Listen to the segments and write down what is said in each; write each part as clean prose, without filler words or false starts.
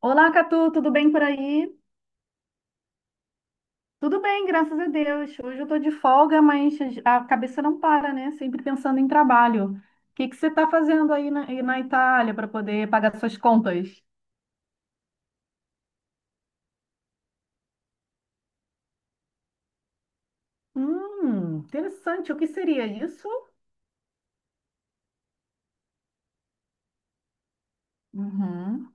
Olá, Catu, tudo bem por aí? Tudo bem, graças a Deus. Hoje eu tô de folga, mas a cabeça não para, né? Sempre pensando em trabalho. O que você está fazendo aí na Itália para poder pagar suas contas? Interessante. O que seria isso? Uhum.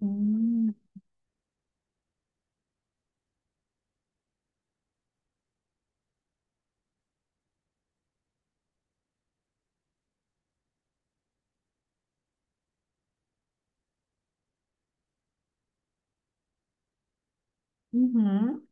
Hum. Uhum.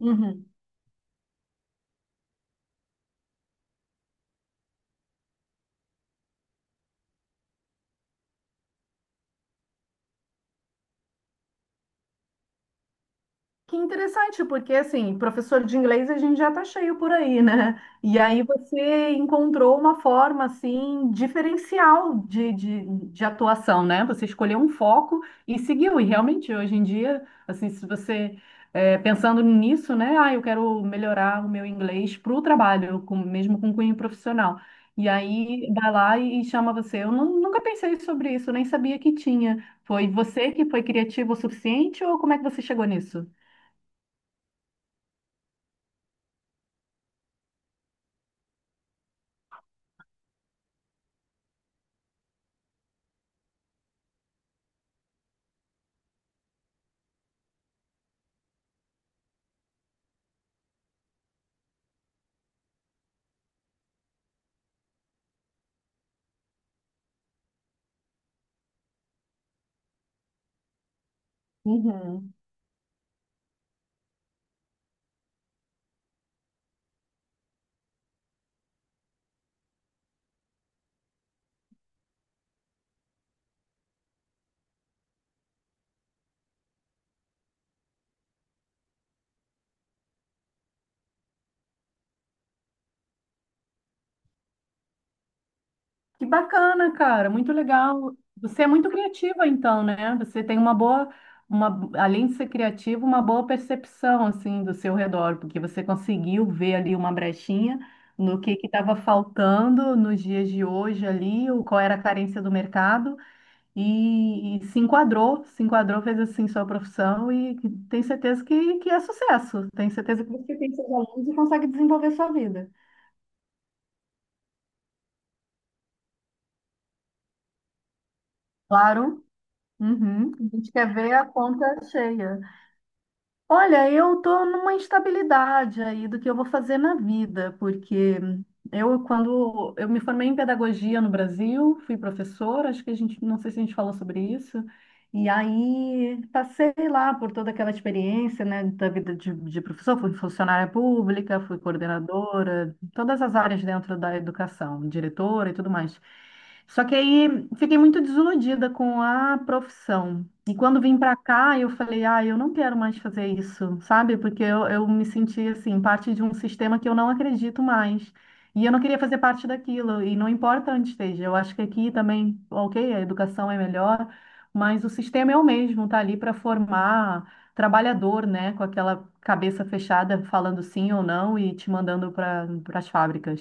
Uhum. Que interessante, porque assim, professor de inglês a gente já tá cheio por aí, né? E aí você encontrou uma forma assim diferencial de atuação, né? Você escolheu um foco e seguiu. E realmente hoje em dia, assim, se você é, pensando nisso, né? Ah, eu quero melhorar o meu inglês para o trabalho, mesmo com cunho profissional. E aí vai lá e chama você. Eu nunca pensei sobre isso, nem sabia que tinha. Foi você que foi criativo o suficiente ou como é que você chegou nisso? Uhum. Que bacana, cara, muito legal. Você é muito criativa, então, né? Você tem uma boa, uma, além de ser criativa, uma boa percepção, assim, do seu redor, porque você conseguiu ver ali uma brechinha no que estava faltando nos dias de hoje ali, o qual era a carência do mercado, e se enquadrou, se enquadrou, fez assim sua profissão e tem certeza que é sucesso. Tenho certeza que você tem seus alunos e consegue desenvolver sua vida. Claro. Uhum, a gente quer ver a conta cheia. Olha, eu estou numa instabilidade aí do que eu vou fazer na vida, porque eu, quando eu me formei em pedagogia no Brasil, fui professora, acho que a gente, não sei se a gente falou sobre isso, e aí passei lá por toda aquela experiência, né, da vida de professor, fui funcionária pública, fui coordenadora, todas as áreas dentro da educação, diretora e tudo mais. Só que aí fiquei muito desiludida com a profissão. E quando vim para cá, eu falei, ah, eu não quero mais fazer isso, sabe? Porque eu me senti assim, parte de um sistema que eu não acredito mais. E eu não queria fazer parte daquilo, e não importa onde esteja. Eu acho que aqui também, ok, a educação é melhor, mas o sistema é o mesmo, tá ali para formar trabalhador, né? Com aquela cabeça fechada, falando sim ou não e te mandando para as fábricas.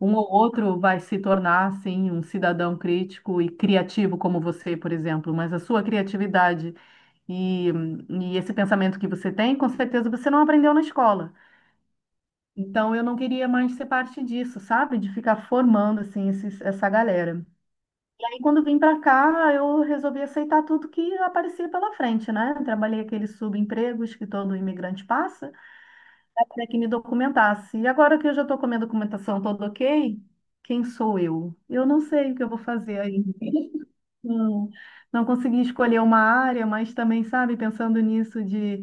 Um ou outro vai se tornar, sim, um cidadão crítico e criativo como você, por exemplo, mas a sua criatividade e, e esse pensamento que você tem, com certeza você não aprendeu na escola. Então, eu não queria mais ser parte disso, sabe? De ficar formando, assim, essa galera. E aí, quando vim para cá, eu resolvi aceitar tudo que aparecia pela frente, né? Trabalhei aqueles subempregos que todo imigrante passa até que me documentasse. E agora que eu já estou com a minha documentação toda ok, quem sou eu? Eu não sei o que eu vou fazer ainda. Não, não consegui escolher uma área, mas também, sabe, pensando nisso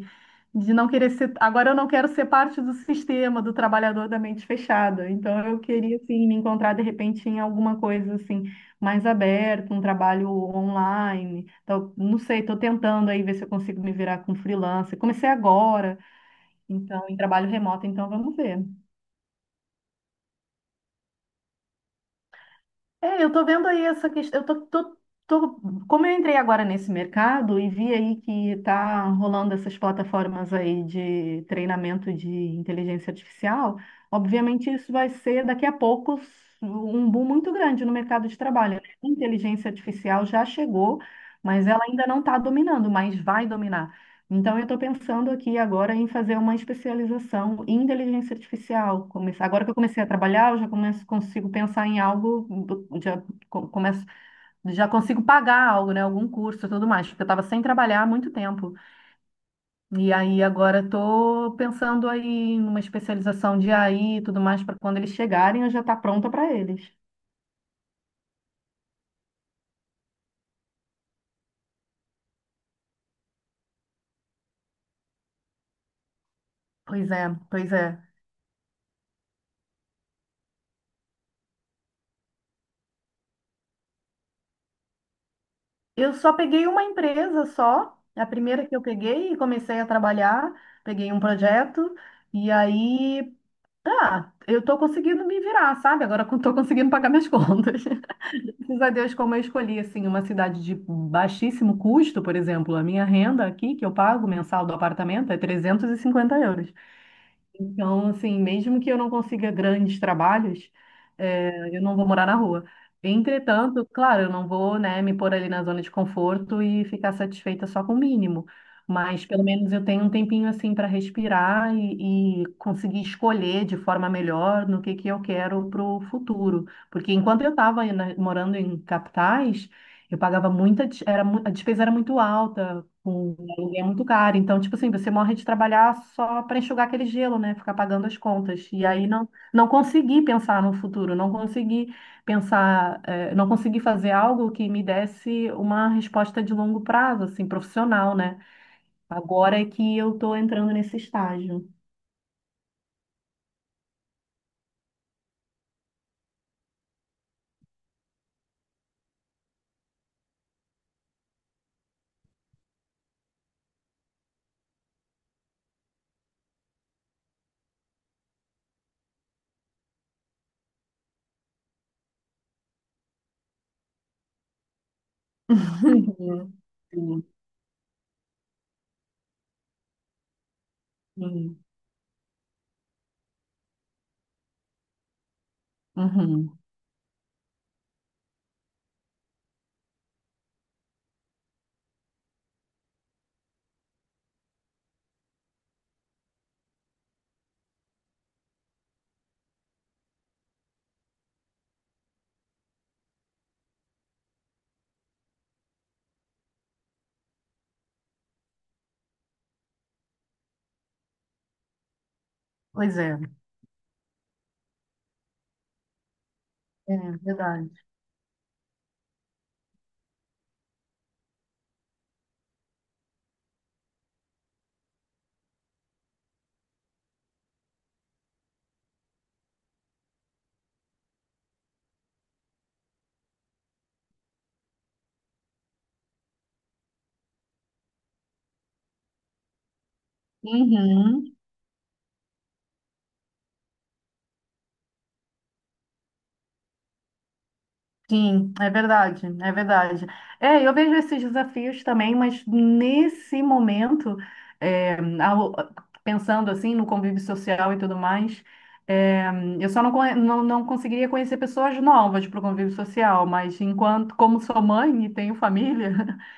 de não querer ser. Agora eu não quero ser parte do sistema do trabalhador da mente fechada. Então eu queria, assim, me encontrar de repente em alguma coisa, assim, mais aberta, um trabalho online. Então, não sei, estou tentando aí ver se eu consigo me virar com freelancer. Comecei agora. Então, em trabalho remoto, então vamos ver. É, eu tô vendo aí essa questão. Eu tô, tô, tô- Como eu entrei agora nesse mercado e vi aí que tá rolando essas plataformas aí de treinamento de inteligência artificial, obviamente isso vai ser daqui a pouco um boom muito grande no mercado de trabalho, né? A inteligência artificial já chegou, mas ela ainda não está dominando, mas vai dominar. Então, eu estou pensando aqui agora em fazer uma especialização em inteligência artificial. Agora que eu comecei a trabalhar, eu já começo, consigo pensar em algo, já, começo, já consigo pagar algo, né? Algum curso e tudo mais, porque eu estava sem trabalhar há muito tempo. E aí agora estou pensando aí em uma especialização de AI e tudo mais, para quando eles chegarem eu já estar pronta para eles. Pois é, pois é. Eu só peguei uma empresa só, a primeira que eu peguei e comecei a trabalhar, peguei um projeto e aí, ah, eu tô conseguindo me virar, sabe? Agora eu tô conseguindo pagar minhas contas. Graças a Deus, como eu escolhi, assim, uma cidade de baixíssimo custo, por exemplo, a minha renda aqui, que eu pago mensal do apartamento, é 350 euros. Então, assim, mesmo que eu não consiga grandes trabalhos, eu não vou morar na rua. Entretanto, claro, eu não vou, né, me pôr ali na zona de conforto e ficar satisfeita só com o mínimo. Mas pelo menos eu tenho um tempinho assim para respirar e conseguir escolher de forma melhor no que eu quero para o futuro. Porque enquanto eu estava morando em capitais, eu pagava muita, des- era, mu- a despesa era muito alta, o aluguel é muito caro. Então, tipo assim, você morre de trabalhar só para enxugar aquele gelo, né? Ficar pagando as contas. E aí não, não consegui pensar no futuro, não consegui pensar, não consegui fazer algo que me desse uma resposta de longo prazo, assim, profissional, né? Agora é que eu estou entrando nesse estágio. Sim, sim. Uhum. Pois é, é verdade. Uhum. Sim, é verdade, é verdade. É, eu vejo esses desafios também, mas nesse momento, é, ao- pensando assim no convívio social e tudo mais, é, eu só não, conhe- não, não conseguiria conhecer pessoas novas para o convívio social, mas enquanto, como sou mãe e tenho família,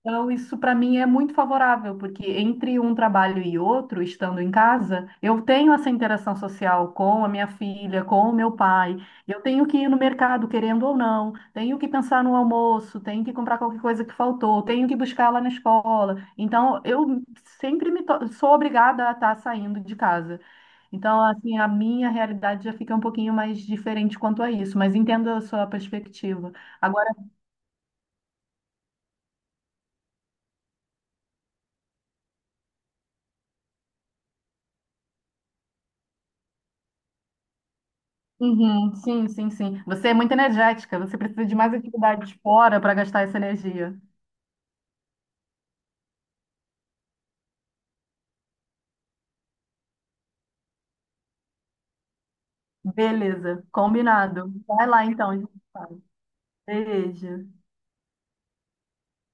Então, isso para mim é muito favorável, porque entre um trabalho e outro, estando em casa, eu tenho essa interação social com a minha filha, com o meu pai. Eu tenho que ir no mercado, querendo ou não, tenho que pensar no almoço, tenho que comprar qualquer coisa que faltou, tenho que buscar lá na escola. Então, eu sou obrigada a estar saindo de casa. Então, assim, a minha realidade já fica um pouquinho mais diferente quanto a isso, mas entendo a sua perspectiva. Uhum, sim, sim, sim. Você é muito energética, você precisa de mais atividades fora para gastar essa energia. Beleza, combinado. Vai lá então, a gente fala. Beijo.